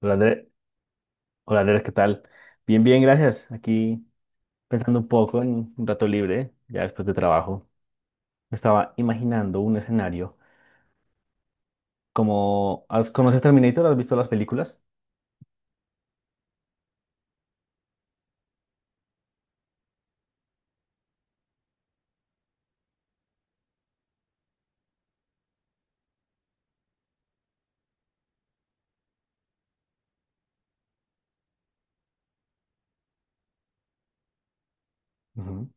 Hola Andrés, ¿qué tal? Bien, bien, gracias. Aquí pensando un poco en un rato libre, ya después de trabajo. Me estaba imaginando un escenario como ¿conoces Terminator? ¿Has visto las películas? Ujú.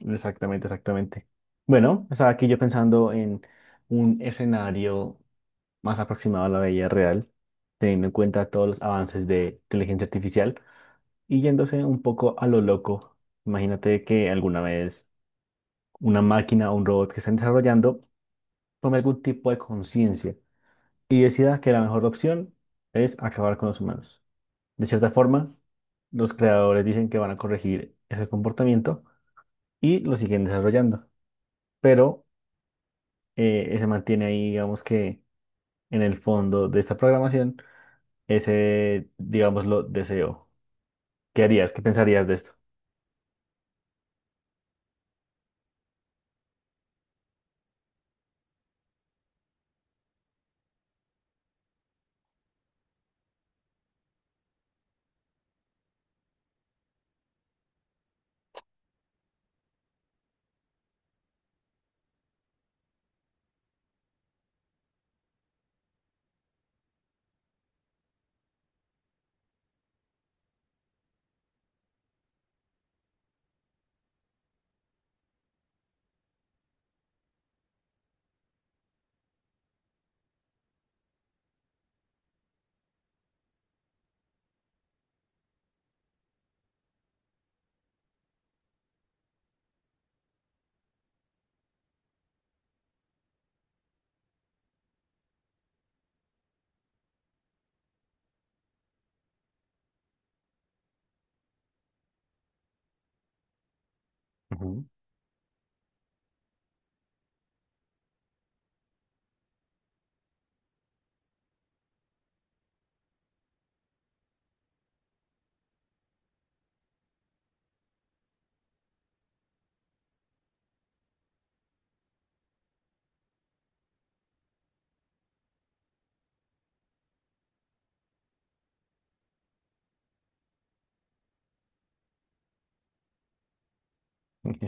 Exactamente, exactamente. Bueno, estaba aquí yo pensando en un escenario más aproximado a la vida real, teniendo en cuenta todos los avances de inteligencia artificial y yéndose un poco a lo loco. Imagínate que alguna vez una máquina o un robot que están desarrollando tome algún tipo de conciencia y decida que la mejor opción es acabar con los humanos. De cierta forma, los creadores dicen que van a corregir ese comportamiento y lo siguen desarrollando, pero se mantiene ahí, digamos que en el fondo de esta programación, ese, digámoslo, deseo. ¿Qué harías? ¿Qué pensarías de esto? Ujú. Ok.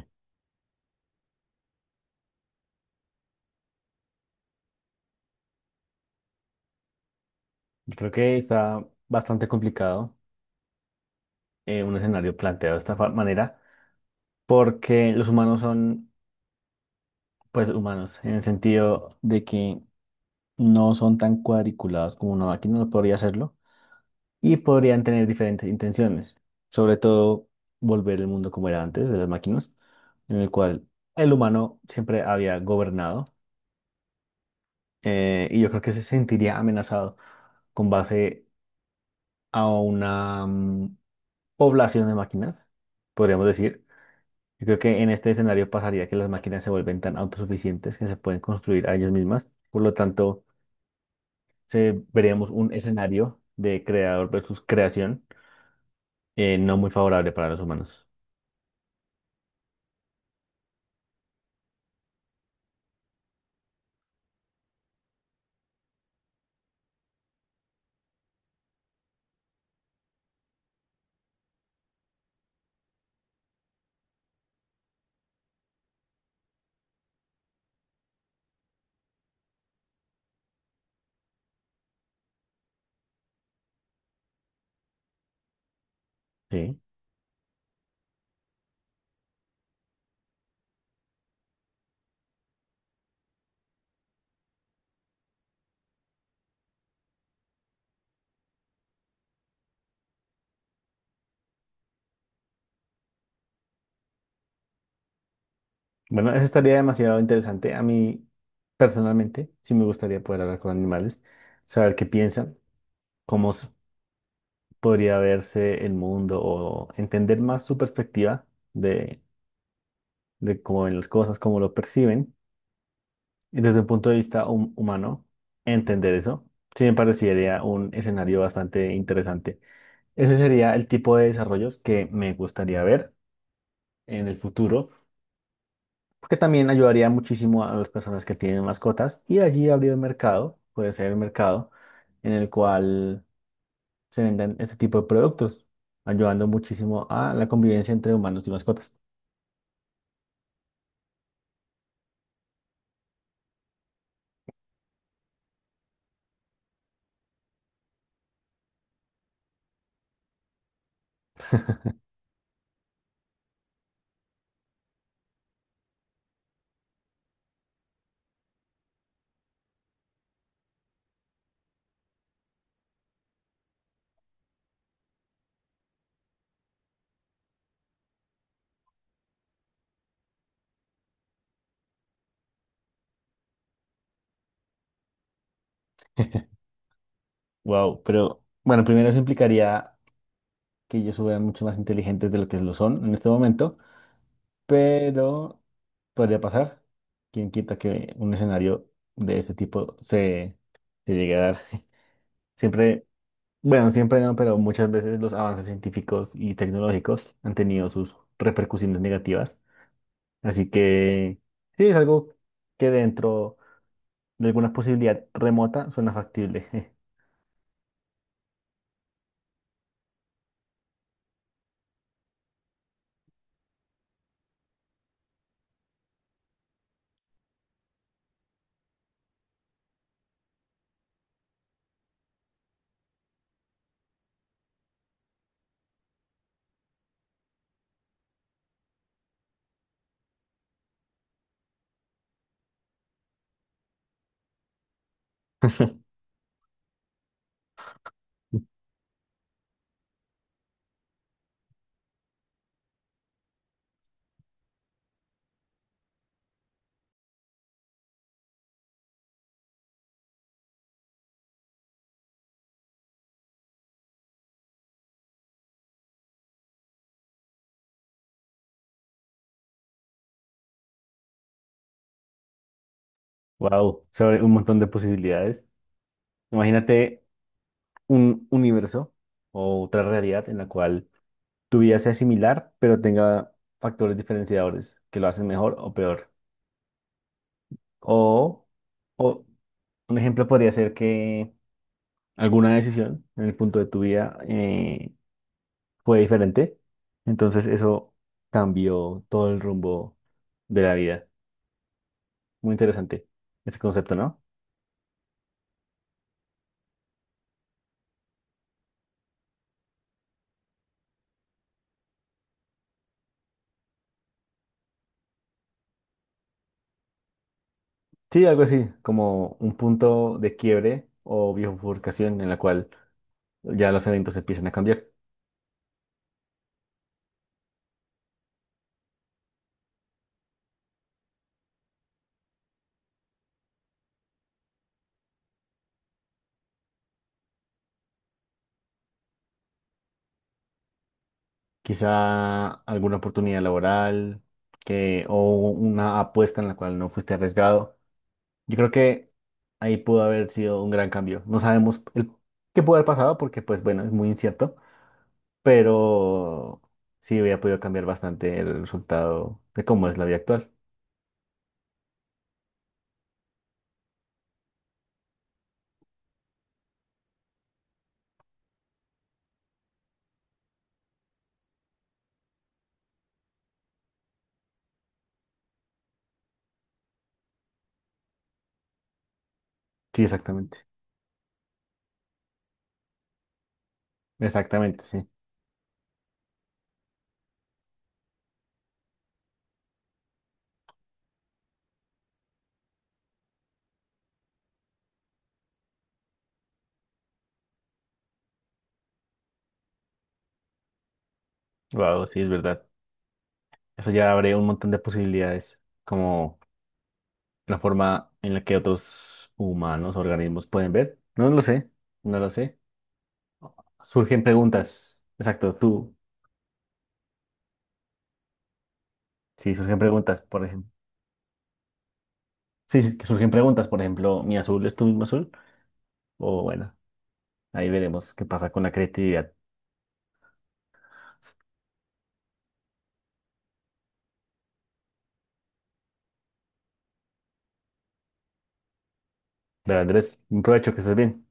Yo creo que está bastante complicado, un escenario planteado de esta manera, porque los humanos son, pues, humanos, en el sentido de que no son tan cuadriculados como una máquina lo podría hacerlo, y podrían tener diferentes intenciones, sobre todo volver el mundo como era antes de las máquinas, en el cual el humano siempre había gobernado. Y yo creo que se sentiría amenazado con base a una población de máquinas, podríamos decir. Yo creo que en este escenario pasaría que las máquinas se vuelven tan autosuficientes que se pueden construir a ellas mismas, por lo tanto se veríamos un escenario de creador versus creación, no muy favorable para los humanos. Sí. Bueno, eso estaría demasiado interesante. A mí, personalmente, sí me gustaría poder hablar con animales, saber qué piensan, cómo podría verse el mundo, o entender más su perspectiva de, de cómo ven las cosas, cómo lo perciben. Y desde un punto de vista humano, entender eso, sí me parecería un escenario bastante interesante. Ese sería el tipo de desarrollos que me gustaría ver en el futuro, porque también ayudaría muchísimo a las personas que tienen mascotas, y de allí abrir el mercado, puede ser el mercado en el cual se vendan este tipo de productos, ayudando muchísimo a la convivencia entre humanos y mascotas. Wow, pero bueno, primero eso implicaría que ellos fueran mucho más inteligentes de lo que lo son en este momento, pero podría pasar. ¿Quién quita que un escenario de este tipo se, se llegue a dar? Siempre, bueno, siempre no, pero muchas veces los avances científicos y tecnológicos han tenido sus repercusiones negativas. Así que sí, es algo que dentro de alguna posibilidad remota suena factible. Wow, se abre un montón de posibilidades. Imagínate un universo o otra realidad en la cual tu vida sea similar, pero tenga factores diferenciadores que lo hacen mejor o peor. O, o un ejemplo podría ser que alguna decisión en el punto de tu vida, fue diferente. Entonces eso cambió todo el rumbo de la vida. Muy interesante ese concepto, ¿no? Sí, algo así, como un punto de quiebre o bifurcación en la cual ya los eventos empiezan a cambiar. Quizá alguna oportunidad laboral que, o una apuesta en la cual no fuiste arriesgado. Yo creo que ahí pudo haber sido un gran cambio. No sabemos el, qué pudo haber pasado porque, pues bueno, es muy incierto, pero sí había podido cambiar bastante el resultado de cómo es la vida actual. Sí, exactamente. Exactamente, sí. Wow, sí, es verdad. Eso ya abre un montón de posibilidades, como la forma en la que otros humanos, organismos pueden ver. No lo sé, no lo sé. Surgen preguntas. Exacto, tú. Sí, surgen preguntas, por ejemplo. Sí, sí, que surgen preguntas, por ejemplo, ¿mi azul es tu mismo azul? O bueno, ahí veremos qué pasa con la creatividad. De Andrés, un provecho, que estés bien.